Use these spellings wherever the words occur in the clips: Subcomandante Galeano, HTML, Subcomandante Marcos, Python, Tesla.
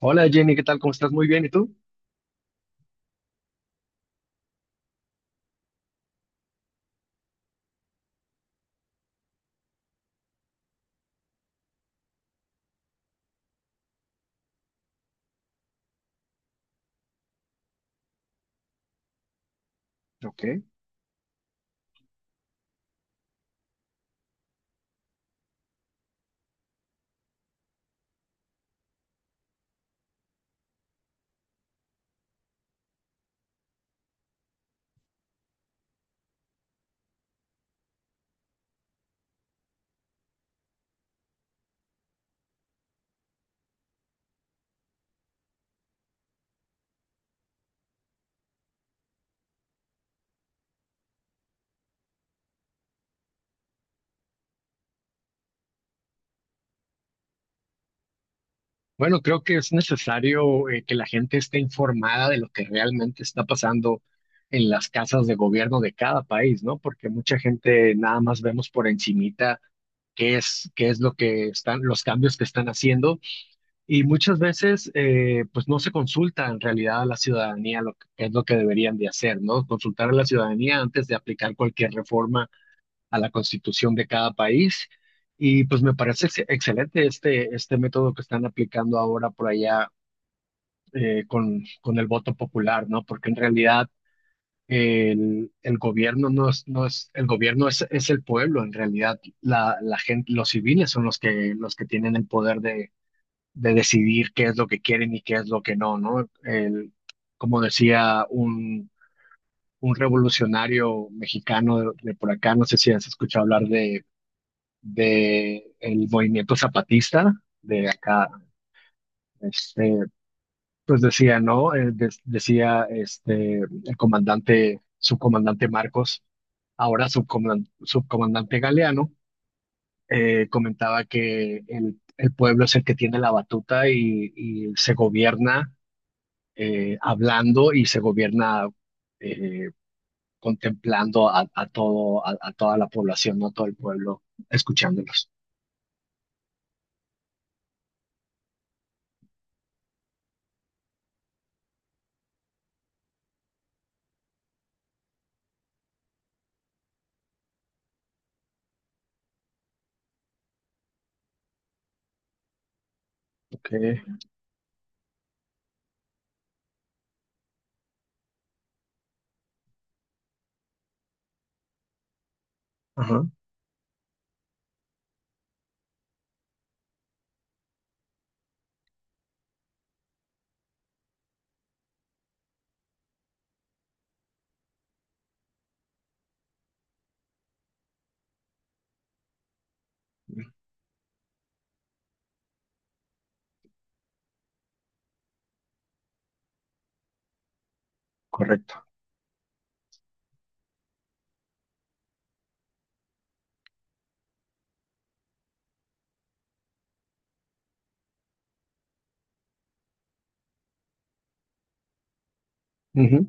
Hola Jenny, ¿qué tal? ¿Cómo estás? Muy bien, ¿y tú? Ok. Bueno, creo que es necesario que la gente esté informada de lo que realmente está pasando en las casas de gobierno de cada país, ¿no? Porque mucha gente nada más vemos por encimita qué es lo que están, los cambios que están haciendo y muchas veces pues no se consulta en realidad a la ciudadanía lo que es lo que deberían de hacer, ¿no? Consultar a la ciudadanía antes de aplicar cualquier reforma a la constitución de cada país. Y pues me parece excelente este, este método que están aplicando ahora por allá con el voto popular, ¿no? Porque en realidad el gobierno no es, el gobierno es el pueblo, en realidad la gente, los civiles son los que tienen el poder de decidir qué es lo que quieren y qué es lo que no, ¿no? El, como decía un revolucionario mexicano de por acá, no sé si has escuchado hablar de el movimiento zapatista de acá, este, pues decía, ¿no? Decía este, el comandante, subcomandante Marcos, ahora subcomandante Galeano, comentaba que el pueblo es el que tiene la batuta y se gobierna hablando y se gobierna eh, contemplando a todo, a toda la población, no todo el pueblo, escuchándolos. Ok, ajá, correcto. Ujú.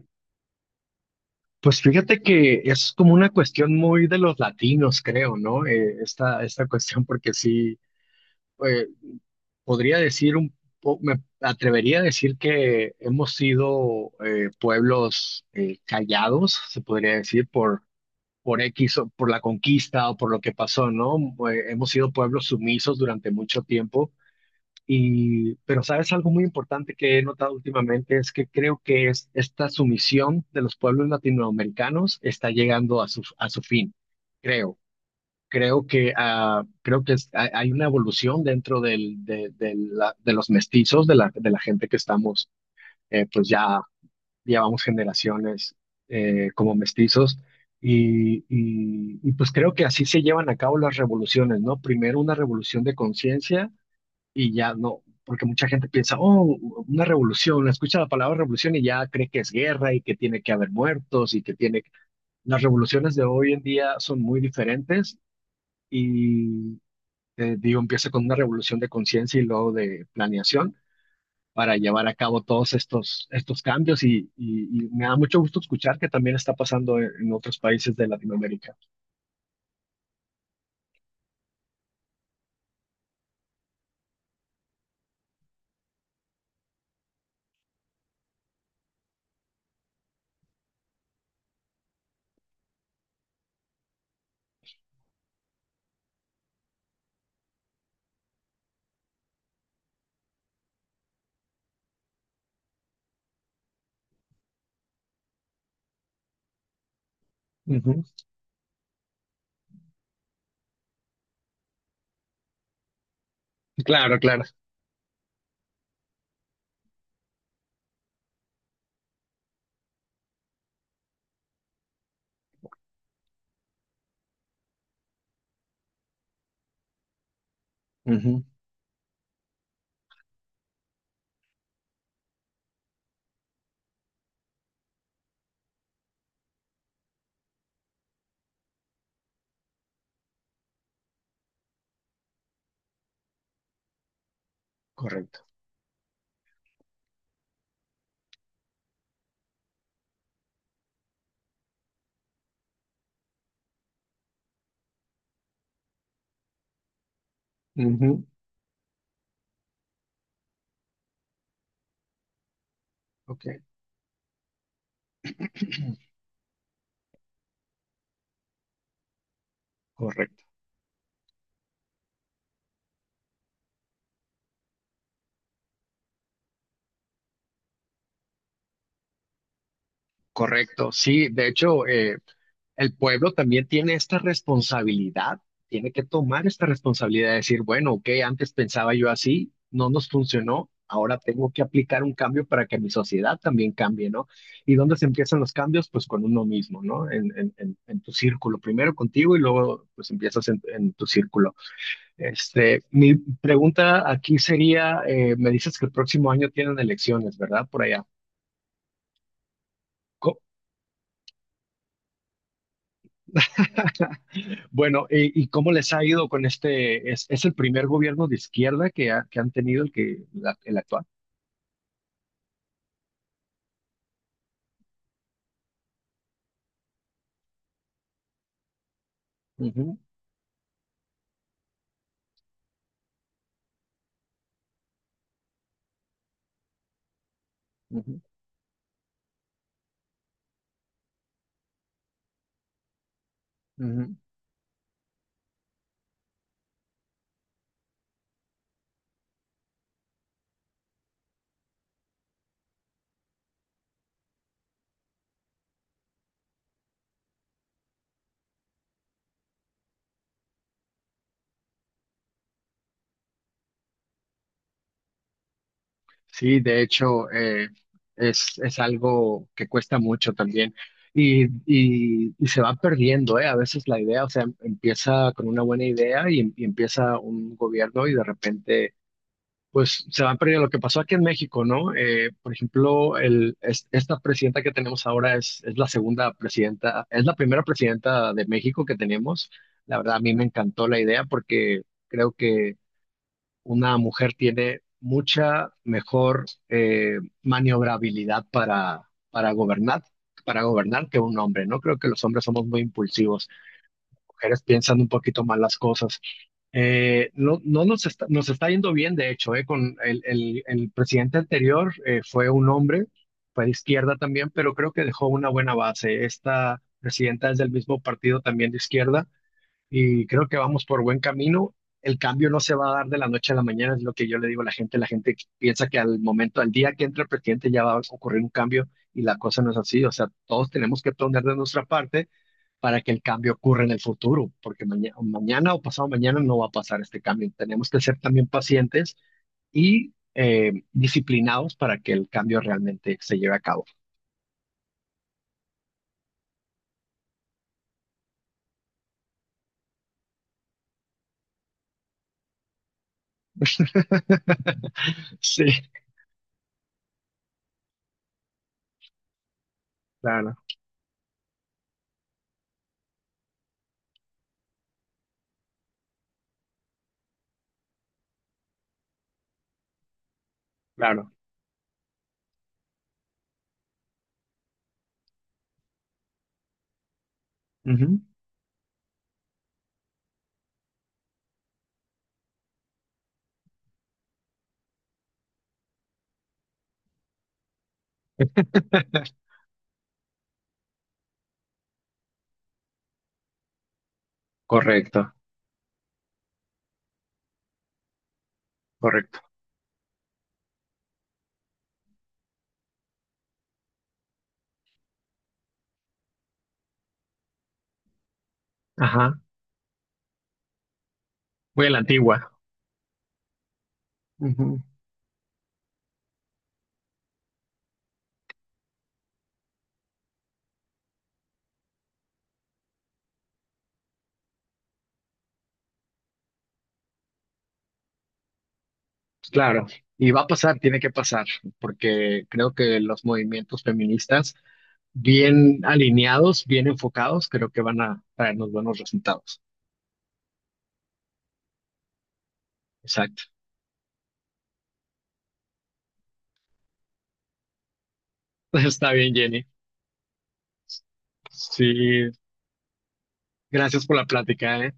Pues fíjate que es como una cuestión muy de los latinos, creo, ¿no? Esta, esta cuestión, porque sí, eh, podría decir un me atrevería a decir que hemos sido pueblos callados, se podría decir, por X o por la conquista o por lo que pasó, ¿no? Hemos sido pueblos sumisos durante mucho tiempo. Y, pero sabes, algo muy importante que he notado últimamente es que creo que es esta sumisión de los pueblos latinoamericanos está llegando a su fin, creo. Creo que, creo hay una evolución dentro del, de, de los mestizos, de la gente que estamos pues ya llevamos generaciones como mestizos y, pues creo que así se llevan a cabo las revoluciones, ¿no? Primero una revolución de conciencia y ya no, porque mucha gente piensa, oh, una revolución, escucha la palabra revolución y ya cree que es guerra y que tiene que haber muertos y que tiene... Las revoluciones de hoy en día son muy diferentes y, digo, empieza con una revolución de conciencia y luego de planeación para llevar a cabo todos estos, estos cambios y me da mucho gusto escuchar que también está pasando en otros países de Latinoamérica. Ujú. Claro, claro. Ujú. Correcto. Ujú. Ok. Correcto. Correcto. Sí, de hecho, el pueblo también tiene esta responsabilidad, tiene que tomar esta responsabilidad de decir, bueno, ok, antes pensaba yo así, no nos funcionó, ahora tengo que aplicar un cambio para que mi sociedad también cambie, ¿no? ¿Y dónde se empiezan los cambios? Pues con uno mismo, ¿no? En tu círculo, primero contigo y luego pues empiezas en tu círculo. Este, mi pregunta aquí sería, me dices que el próximo año tienen elecciones, ¿verdad? Por allá. Co- Bueno, ¿y cómo les ha ido con este? Es el primer gobierno de izquierda que han tenido el actual? Ujú, ujú, ujú. Sí, de hecho, es algo que cuesta mucho también y se va perdiendo, ¿eh? A veces la idea, o sea, empieza con una buena idea y empieza un gobierno y de repente... pues se van perdiendo. Lo que pasó aquí en México, ¿no? Por ejemplo, esta presidenta que tenemos ahora es la segunda presidenta, es la primera presidenta de México que tenemos. La verdad, a mí me encantó la idea porque creo que una mujer tiene mucha mejor maniobrabilidad para gobernar. Para gobernar que un hombre, ¿no? Creo que los hombres somos muy impulsivos. Mujeres piensan un poquito más las cosas. No, nos está yendo bien, de hecho, con el presidente anterior fue un hombre, fue de izquierda también, pero creo que dejó una buena base. Esta presidenta es del mismo partido también de izquierda y creo que vamos por buen camino. El cambio no se va a dar de la noche a la mañana, es lo que yo le digo a la gente. La gente piensa que al momento, al día que entre el presidente ya va a ocurrir un cambio y la cosa no es así. O sea, todos tenemos que poner de nuestra parte para que el cambio ocurra en el futuro, porque mañana o pasado mañana no va a pasar este cambio. Tenemos que ser también pacientes y disciplinados para que el cambio realmente se lleve a cabo. Sí, claro, claro. Ujú. Correcto, correcto. Ajá. Voy a la antigua. Ujú. Claro. Y va a pasar, tiene que pasar, porque creo que los movimientos feministas, bien alineados, bien enfocados, creo que van a traernos buenos resultados. Exacto. Está bien, Jenny. Sí, gracias por la plática, ¿eh?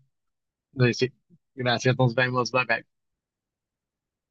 Sí, gracias, nos vemos, bye bye.